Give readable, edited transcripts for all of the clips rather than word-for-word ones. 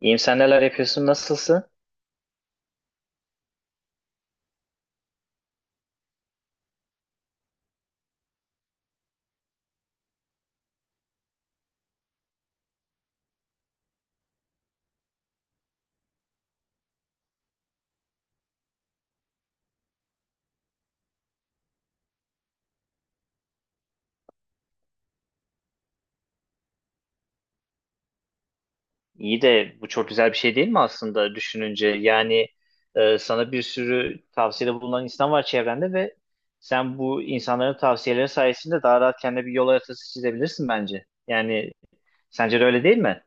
İyiyim sen neler yapıyorsun nasılsın? İyi de bu çok güzel bir şey değil mi aslında düşününce? Yani sana bir sürü tavsiyede bulunan insan var çevrende ve sen bu insanların tavsiyeleri sayesinde daha rahat kendine bir yol haritası çizebilirsin bence. Yani sence de öyle değil mi?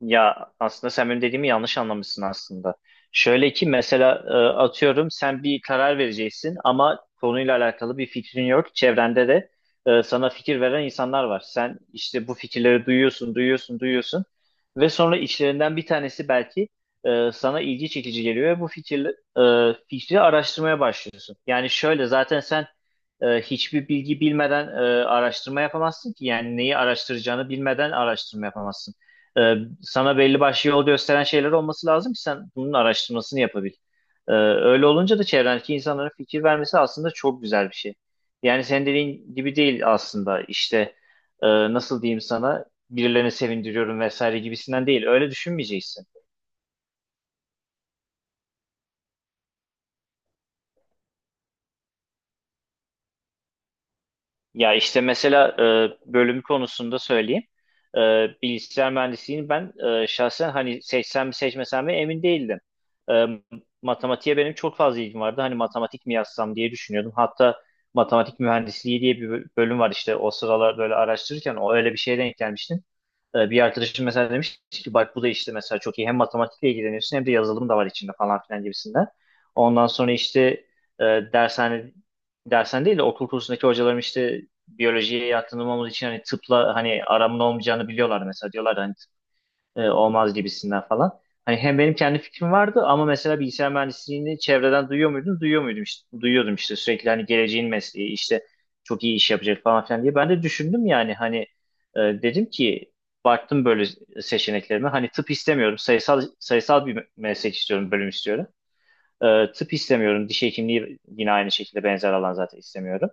Ya aslında sen benim dediğimi yanlış anlamışsın aslında. Şöyle ki mesela atıyorum sen bir karar vereceksin ama konuyla alakalı bir fikrin yok. Çevrende de sana fikir veren insanlar var. Sen işte bu fikirleri duyuyorsun ve sonra içlerinden bir tanesi belki sana ilgi çekici geliyor ve bu fikri araştırmaya başlıyorsun. Yani şöyle zaten sen hiçbir bilgi bilmeden araştırma yapamazsın ki. Yani neyi araştıracağını bilmeden araştırma yapamazsın. Ee, Sana belli başlı yol gösteren şeyler olması lazım ki sen bunun araştırmasını yapabil. Öyle olunca da çevrendeki insanların fikir vermesi aslında çok güzel bir şey. Yani senin dediğin gibi değil aslında işte e, nasıl diyeyim sana birilerini sevindiriyorum vesaire gibisinden değil. Öyle düşünmeyeceksin. Ya işte mesela bölüm konusunda söyleyeyim. E, Bilgisayar mühendisliğini ben şahsen hani seçsem mi seçmesem mi emin değildim. E, Matematiğe benim çok fazla ilgim vardı. Hani matematik mi yazsam diye düşünüyordum. Hatta matematik mühendisliği diye bir bölüm var işte o sıralar böyle araştırırken o öyle bir şeye denk gelmiştim. Bir arkadaşım mesela demiş ki bak bu da işte mesela çok iyi hem matematikle ilgileniyorsun hem de yazılım da var içinde falan filan gibisinden. Ondan sonra işte e, dershane dersen değil de okul kursundaki hocalarım işte biyolojiye yatkın olmamız için hani tıpla hani aramın olmayacağını biliyorlar mesela diyorlar hani olmaz gibisinden falan. Hani hem benim kendi fikrim vardı ama mesela bilgisayar mühendisliğini çevreden duyuyor muydum? Duyuyor muydum işte? Duyuyordum işte sürekli hani geleceğin mesleği işte çok iyi iş yapacak falan filan diye. Ben de düşündüm yani hani dedim ki baktım böyle seçeneklerime hani tıp istemiyorum sayısal bir meslek istiyorum bölüm istiyorum. Tıp istemiyorum. Diş hekimliği yine aynı şekilde benzer alan zaten istemiyorum.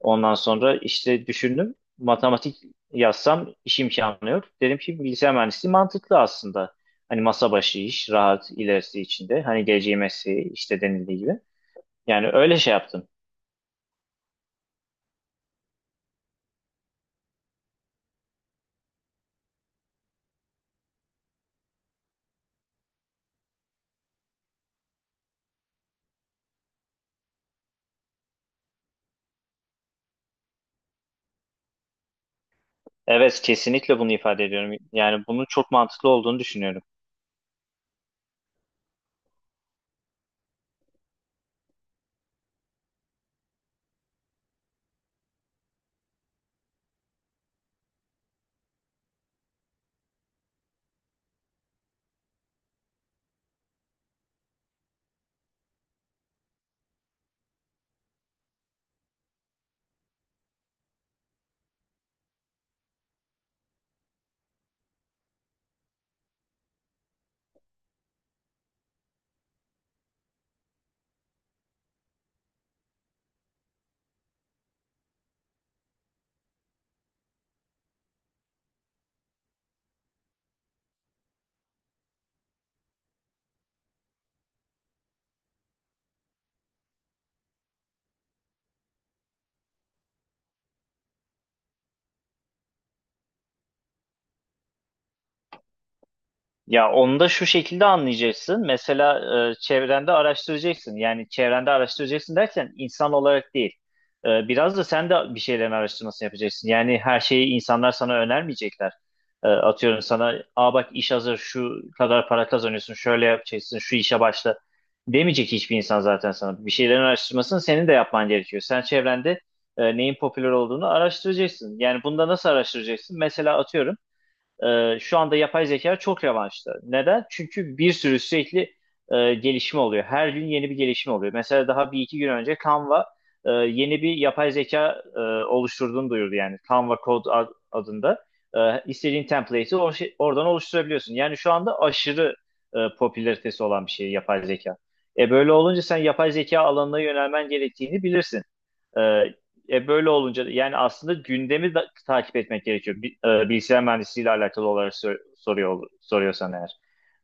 Ondan sonra işte düşündüm. Matematik yazsam iş imkanı yok. Dedim ki bilgisayar mühendisliği mantıklı aslında. Hani masa başı iş, rahat ilerisi içinde. Hani geleceği mesleği işte denildiği gibi. Yani öyle şey yaptım. Evet kesinlikle bunu ifade ediyorum. Yani bunun çok mantıklı olduğunu düşünüyorum. Ya onu da şu şekilde anlayacaksın. Mesela çevrende araştıracaksın. Yani çevrende araştıracaksın derken insan olarak değil. Biraz da sen de bir şeylerin araştırmasını yapacaksın. Yani her şeyi insanlar sana önermeyecekler. Atıyorum sana, aa bak iş hazır, şu kadar para kazanıyorsun, şöyle yapacaksın, şu işe başla demeyecek hiçbir insan zaten sana. Bir şeylerin araştırmasını senin de yapman gerekiyor. Sen çevrende neyin popüler olduğunu araştıracaksın. Yani bunda nasıl araştıracaksın? Mesela atıyorum şu anda yapay zeka çok revaçta. Neden? Çünkü bir sürü sürekli gelişme oluyor. Her gün yeni bir gelişme oluyor. Mesela daha bir iki gün önce Canva yeni bir yapay zeka oluşturduğunu duyurdu yani. Canva Code adında. E, istediğin template'i or oradan oluşturabiliyorsun. Yani şu anda aşırı popülaritesi olan bir şey yapay zeka. E böyle olunca sen yapay zeka alanına yönelmen gerektiğini bilirsin. Ee, böyle olunca yani aslında gündemi takip etmek gerekiyor. Bilgisayar mühendisliğiyle alakalı olarak soruyorsan eğer.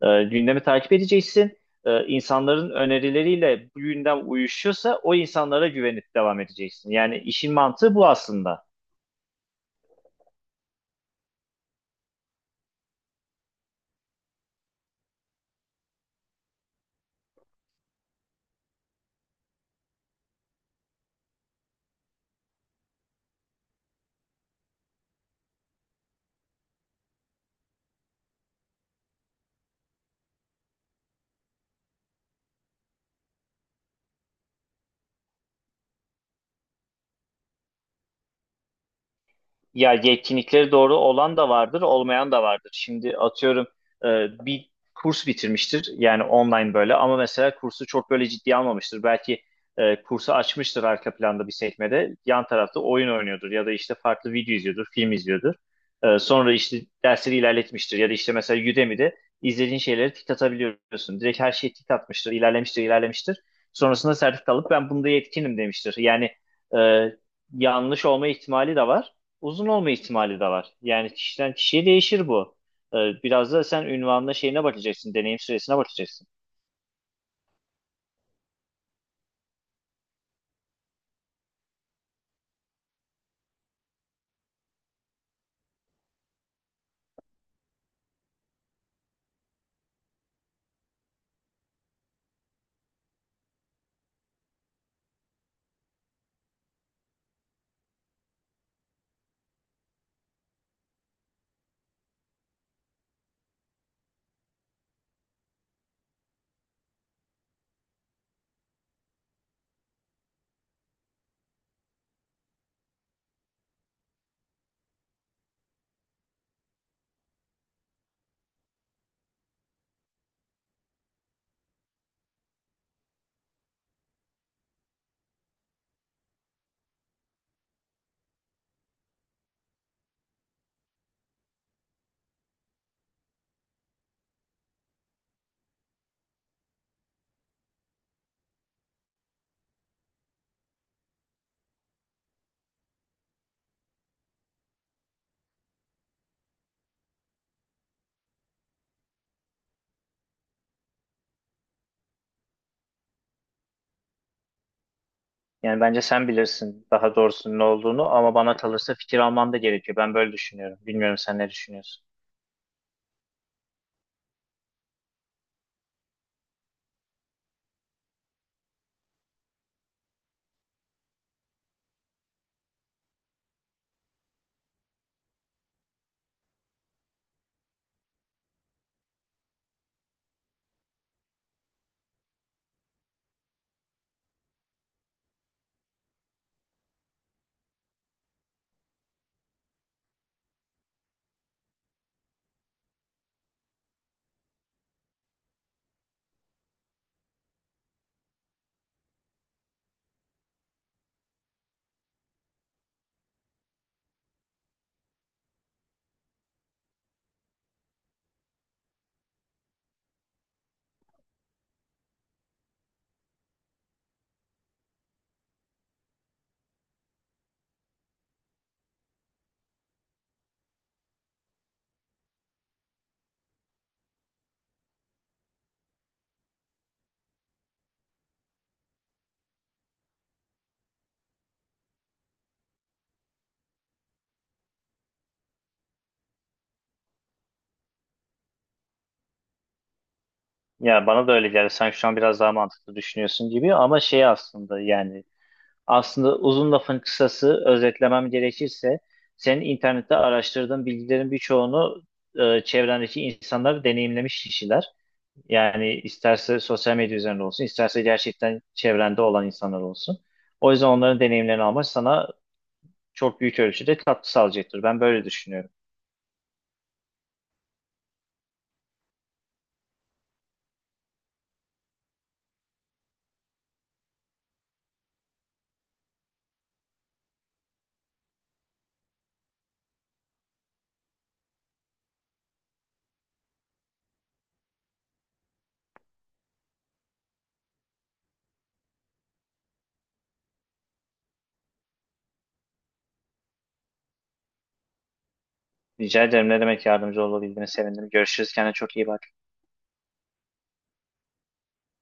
Gündemi takip edeceksin. İnsanların önerileriyle bu gündem uyuşuyorsa o insanlara güvenip devam edeceksin. Yani işin mantığı bu aslında. Ya yetkinlikleri doğru olan da vardır, olmayan da vardır. Şimdi atıyorum e, bir kurs bitirmiştir yani online böyle ama mesela kursu çok böyle ciddiye almamıştır. Belki kursu açmıştır arka planda bir sekmede, yan tarafta oyun oynuyordur ya da işte farklı video izliyordur, film izliyordur. Sonra işte dersleri ilerletmiştir ya da işte mesela Udemy'de izlediğin şeyleri tik atabiliyorsun. Direkt her şeyi tik atmıştır, ilerlemiştir. Sonrasında sertifika alıp ben bunda yetkinim demiştir. Yani e, yanlış olma ihtimali de var uzun olma ihtimali de var. Yani kişiden kişiye değişir bu. Ee, Biraz da sen ünvanına şeyine bakacaksın, deneyim süresine bakacaksın. Yani bence sen bilirsin daha doğrusunun ne olduğunu ama bana kalırsa fikir alman da gerekiyor. Ben böyle düşünüyorum. Bilmiyorum sen ne düşünüyorsun? Ya bana da öyle geldi. Sen şu an biraz daha mantıklı düşünüyorsun gibi ama şey aslında uzun lafın kısası özetlemem gerekirse senin internette araştırdığın bilgilerin birçoğunu çevrendeki insanlar deneyimlemiş kişiler. Yani isterse sosyal medya üzerinde olsun, isterse gerçekten çevrende olan insanlar olsun. O yüzden onların deneyimlerini almak sana çok büyük ölçüde katkı sağlayacaktır. Ben böyle düşünüyorum. Rica ederim. Ne demek yardımcı olabildiğine sevindim. Görüşürüz. Kendine çok iyi bak.